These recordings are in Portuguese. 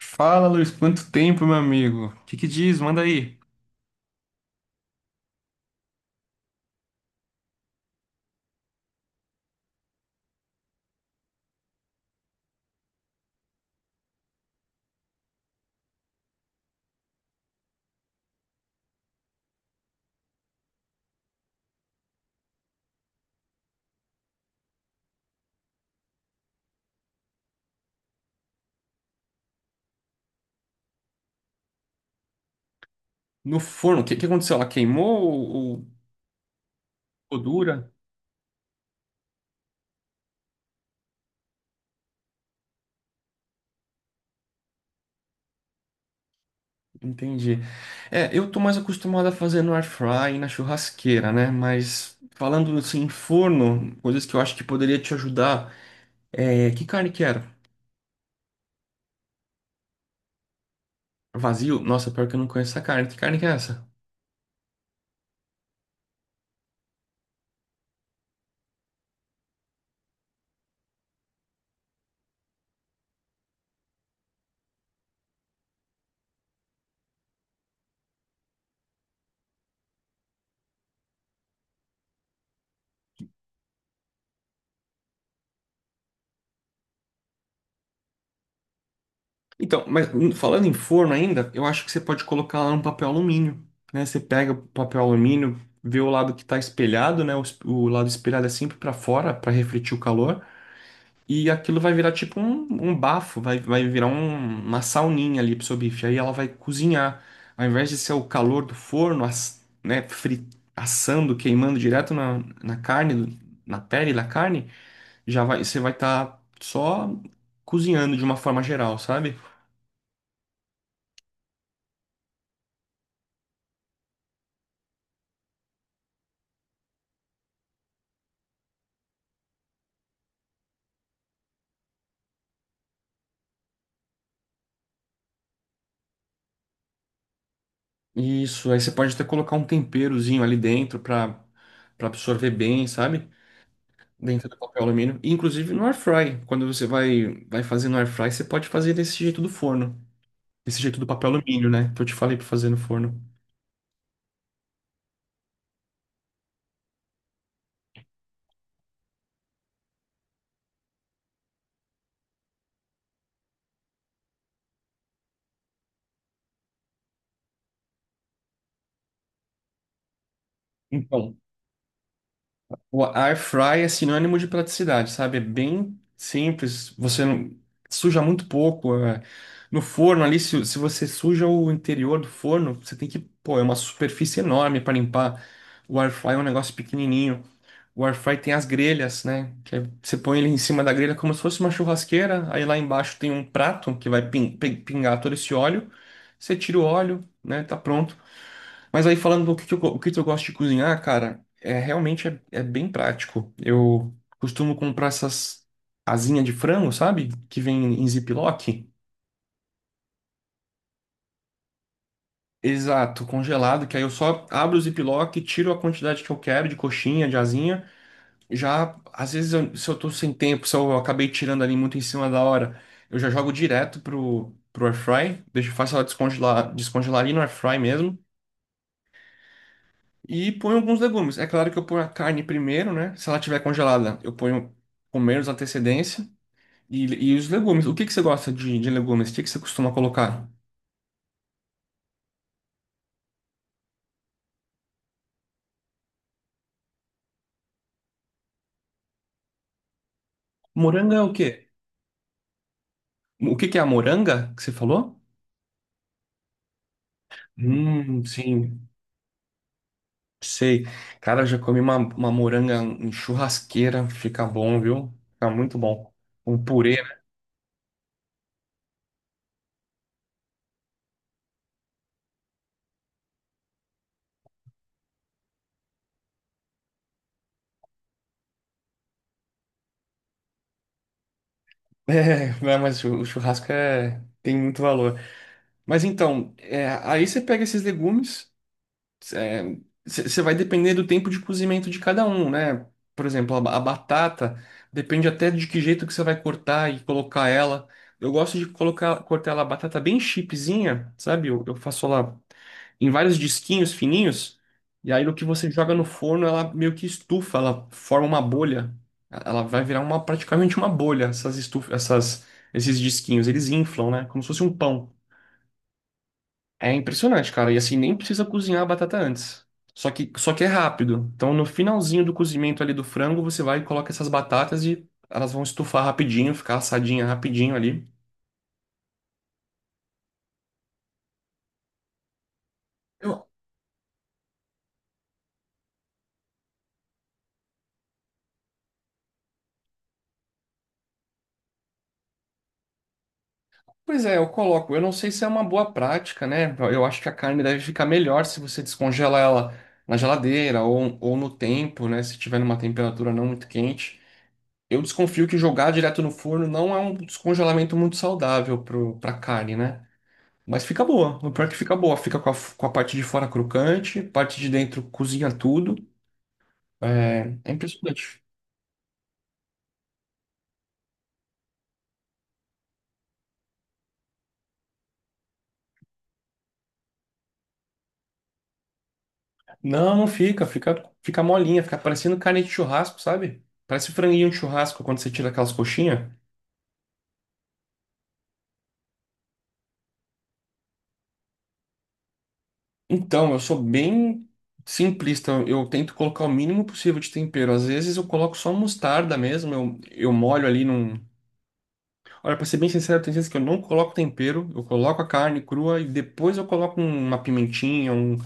Fala, Luiz, quanto tempo, meu amigo? O que que diz? Manda aí. No forno, o que que aconteceu? Ela queimou ou ficou dura? Entendi. É, eu tô mais acostumado a fazer no air fry e na churrasqueira, né? Mas falando assim, em forno, coisas que eu acho que poderia te ajudar. É, que carne que era? Vazio? Nossa, pior que eu não conheço essa carne. Que carne que é essa? Então, mas falando em forno ainda, eu acho que você pode colocar lá no papel alumínio, né? Você pega o papel alumínio, vê o lado que está espelhado, né? O, o lado espelhado é sempre para fora, para refletir o calor, e aquilo vai virar tipo um bafo, vai virar uma sauninha ali pro seu bife. Aí ela vai cozinhar. Ao invés de ser o calor do forno, né, assando, queimando direto na, na carne, na pele da carne, já vai, você vai estar só cozinhando de uma forma geral, sabe? Isso, aí você pode até colocar um temperozinho ali dentro para absorver bem, sabe? Dentro do papel alumínio. E, inclusive no air fry, quando você vai fazer no air fry, você pode fazer desse jeito do forno, desse jeito do papel alumínio, né? Que eu te falei para fazer no forno. Então, o air fry é sinônimo de praticidade, sabe? É bem simples, você não suja muito pouco. É. No forno ali, se você suja o interior do forno, você tem que, pô, é uma superfície enorme para limpar. O air fry é um negócio pequenininho. O air fry tem as grelhas, né? Que aí você põe ele em cima da grelha como se fosse uma churrasqueira. Aí lá embaixo tem um prato que vai pingar todo esse óleo. Você tira o óleo, né? Tá pronto. Mas aí falando do que, o que que eu gosto de cozinhar, cara, é realmente é bem prático. Eu costumo comprar essas asinhas de frango, sabe? Que vem em ziplock. Exato, congelado, que aí eu só abro o ziplock, tiro a quantidade que eu quero de coxinha, de asinha. Já, às vezes, se eu tô sem tempo, se eu acabei tirando ali muito em cima da hora, eu já jogo direto pro, pro air fry deixo, faço ela descongelar, descongelar ali no air fry mesmo, e ponho alguns legumes. É claro que eu ponho a carne primeiro, né? Se ela tiver congelada, eu ponho com menos antecedência, e, e os legumes. O que que você gosta de legumes? O que que você costuma colocar? Moranga é o quê? O que que é a moranga que você falou? Sim. Sei. Cara, eu já comi uma moranga em churrasqueira. Fica bom, viu? Fica muito bom. Um purê, né? É, né, mas o churrasco tem muito valor. Mas então, é, aí você pega esses legumes, é, você vai depender do tempo de cozimento de cada um, né? Por exemplo, a batata depende até de que jeito que você vai cortar e colocar ela. Eu gosto de colocar, cortar ela a batata bem chipzinha, sabe? Eu faço ela em vários disquinhos fininhos, e aí no que você joga no forno, ela meio que estufa, ela forma uma bolha. Ela vai virar uma praticamente uma bolha, essas estufas, essas esses disquinhos, eles inflam, né? Como se fosse um pão. É impressionante, cara. E assim, nem precisa cozinhar a batata antes. Só que é rápido. Então, no finalzinho do cozimento ali do frango, você vai e coloca essas batatas e elas vão estufar rapidinho, ficar assadinha rapidinho ali. Eu, Pois é, eu coloco. Eu não sei se é uma boa prática, né? Eu acho que a carne deve ficar melhor se você descongela ela na geladeira ou no tempo, né? Se tiver numa temperatura não muito quente. Eu desconfio que jogar direto no forno não é um descongelamento muito saudável pro, pra carne, né? Mas fica boa. O pior é que fica boa. Fica com a, com a parte de fora crocante, parte de dentro cozinha tudo. É, é impressionante. Não, não fica. Fica, fica molinha. Fica parecendo carne de churrasco, sabe? Parece franguinho de churrasco quando você tira aquelas coxinhas. Então, eu sou bem simplista. Eu tento colocar o mínimo possível de tempero. Às vezes eu coloco só mostarda mesmo. Eu molho ali num. Olha, pra ser bem sincero, tem vezes que eu não coloco tempero. Eu coloco a carne crua e depois eu coloco uma pimentinha,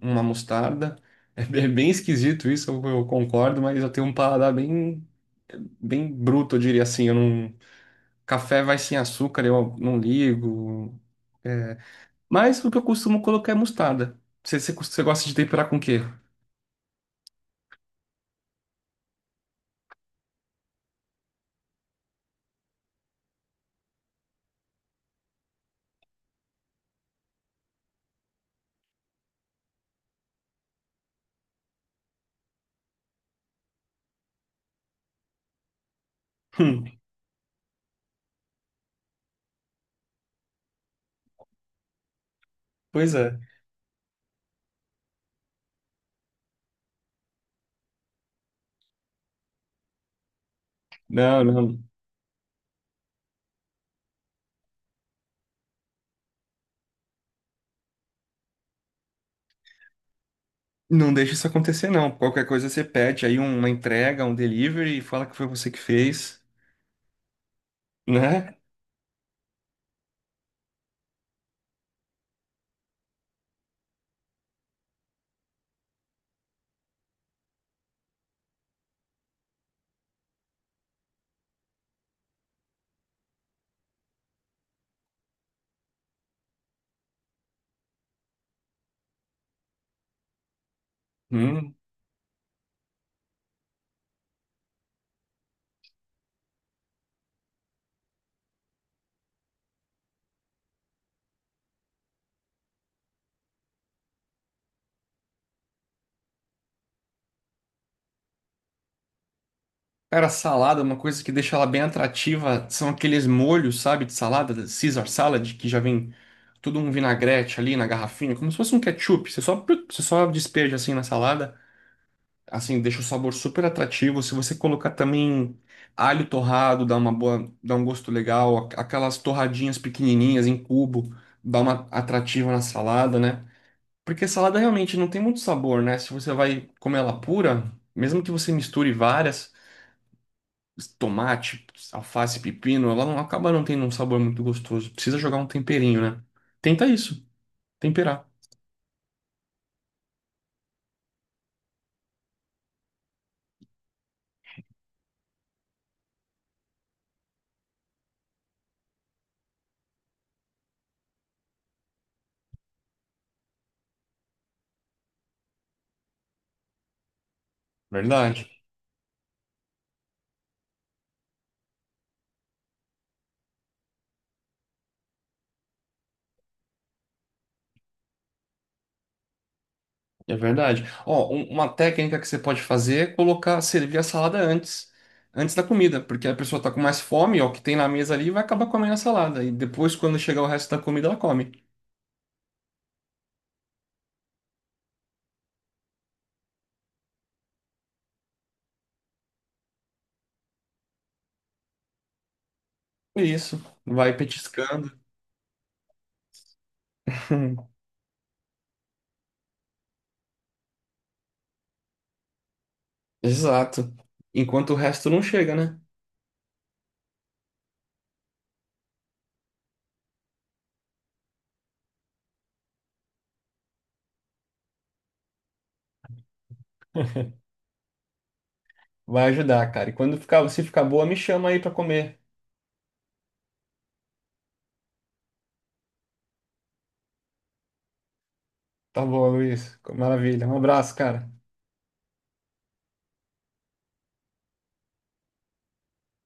uma mostarda. É bem esquisito isso, eu concordo, mas eu tenho um paladar bem, bem bruto, eu diria assim. Eu não... Café vai sem açúcar, eu não ligo. É, mas o que eu costumo colocar é mostarda. Você gosta de temperar com o quê? Hum, pois é. Não, não. Não deixa isso acontecer, não. Qualquer coisa você pede aí uma entrega, um delivery e fala que foi você que fez, né? Hum. Cara, salada, é uma coisa que deixa ela bem atrativa são aqueles molhos, sabe, de salada, Caesar salad, que já vem todo um vinagrete ali na garrafinha, como se fosse um ketchup. Você só despeja assim na salada. Assim, deixa o sabor super atrativo. Se você colocar também alho torrado, dá um gosto legal. Aquelas torradinhas pequenininhas em cubo, dá uma atrativa na salada, né? Porque salada realmente não tem muito sabor, né? Se você vai comer ela pura, mesmo que você misture várias, tomate, alface, pepino, ela não acaba não tendo um sabor muito gostoso. Precisa jogar um temperinho, né? Tenta isso, temperar. Verdade. É verdade. Ó, uma técnica que você pode fazer é colocar, servir a salada antes, antes da comida, porque a pessoa tá com mais fome, ó, o que tem na mesa ali vai acabar comendo a salada e depois quando chegar o resto da comida ela come. É isso, vai petiscando. Exato. Enquanto o resto não chega, né? Vai ajudar, cara. E quando ficar, se ficar boa, me chama aí pra comer. Tá bom, Luiz. Maravilha. Um abraço, cara.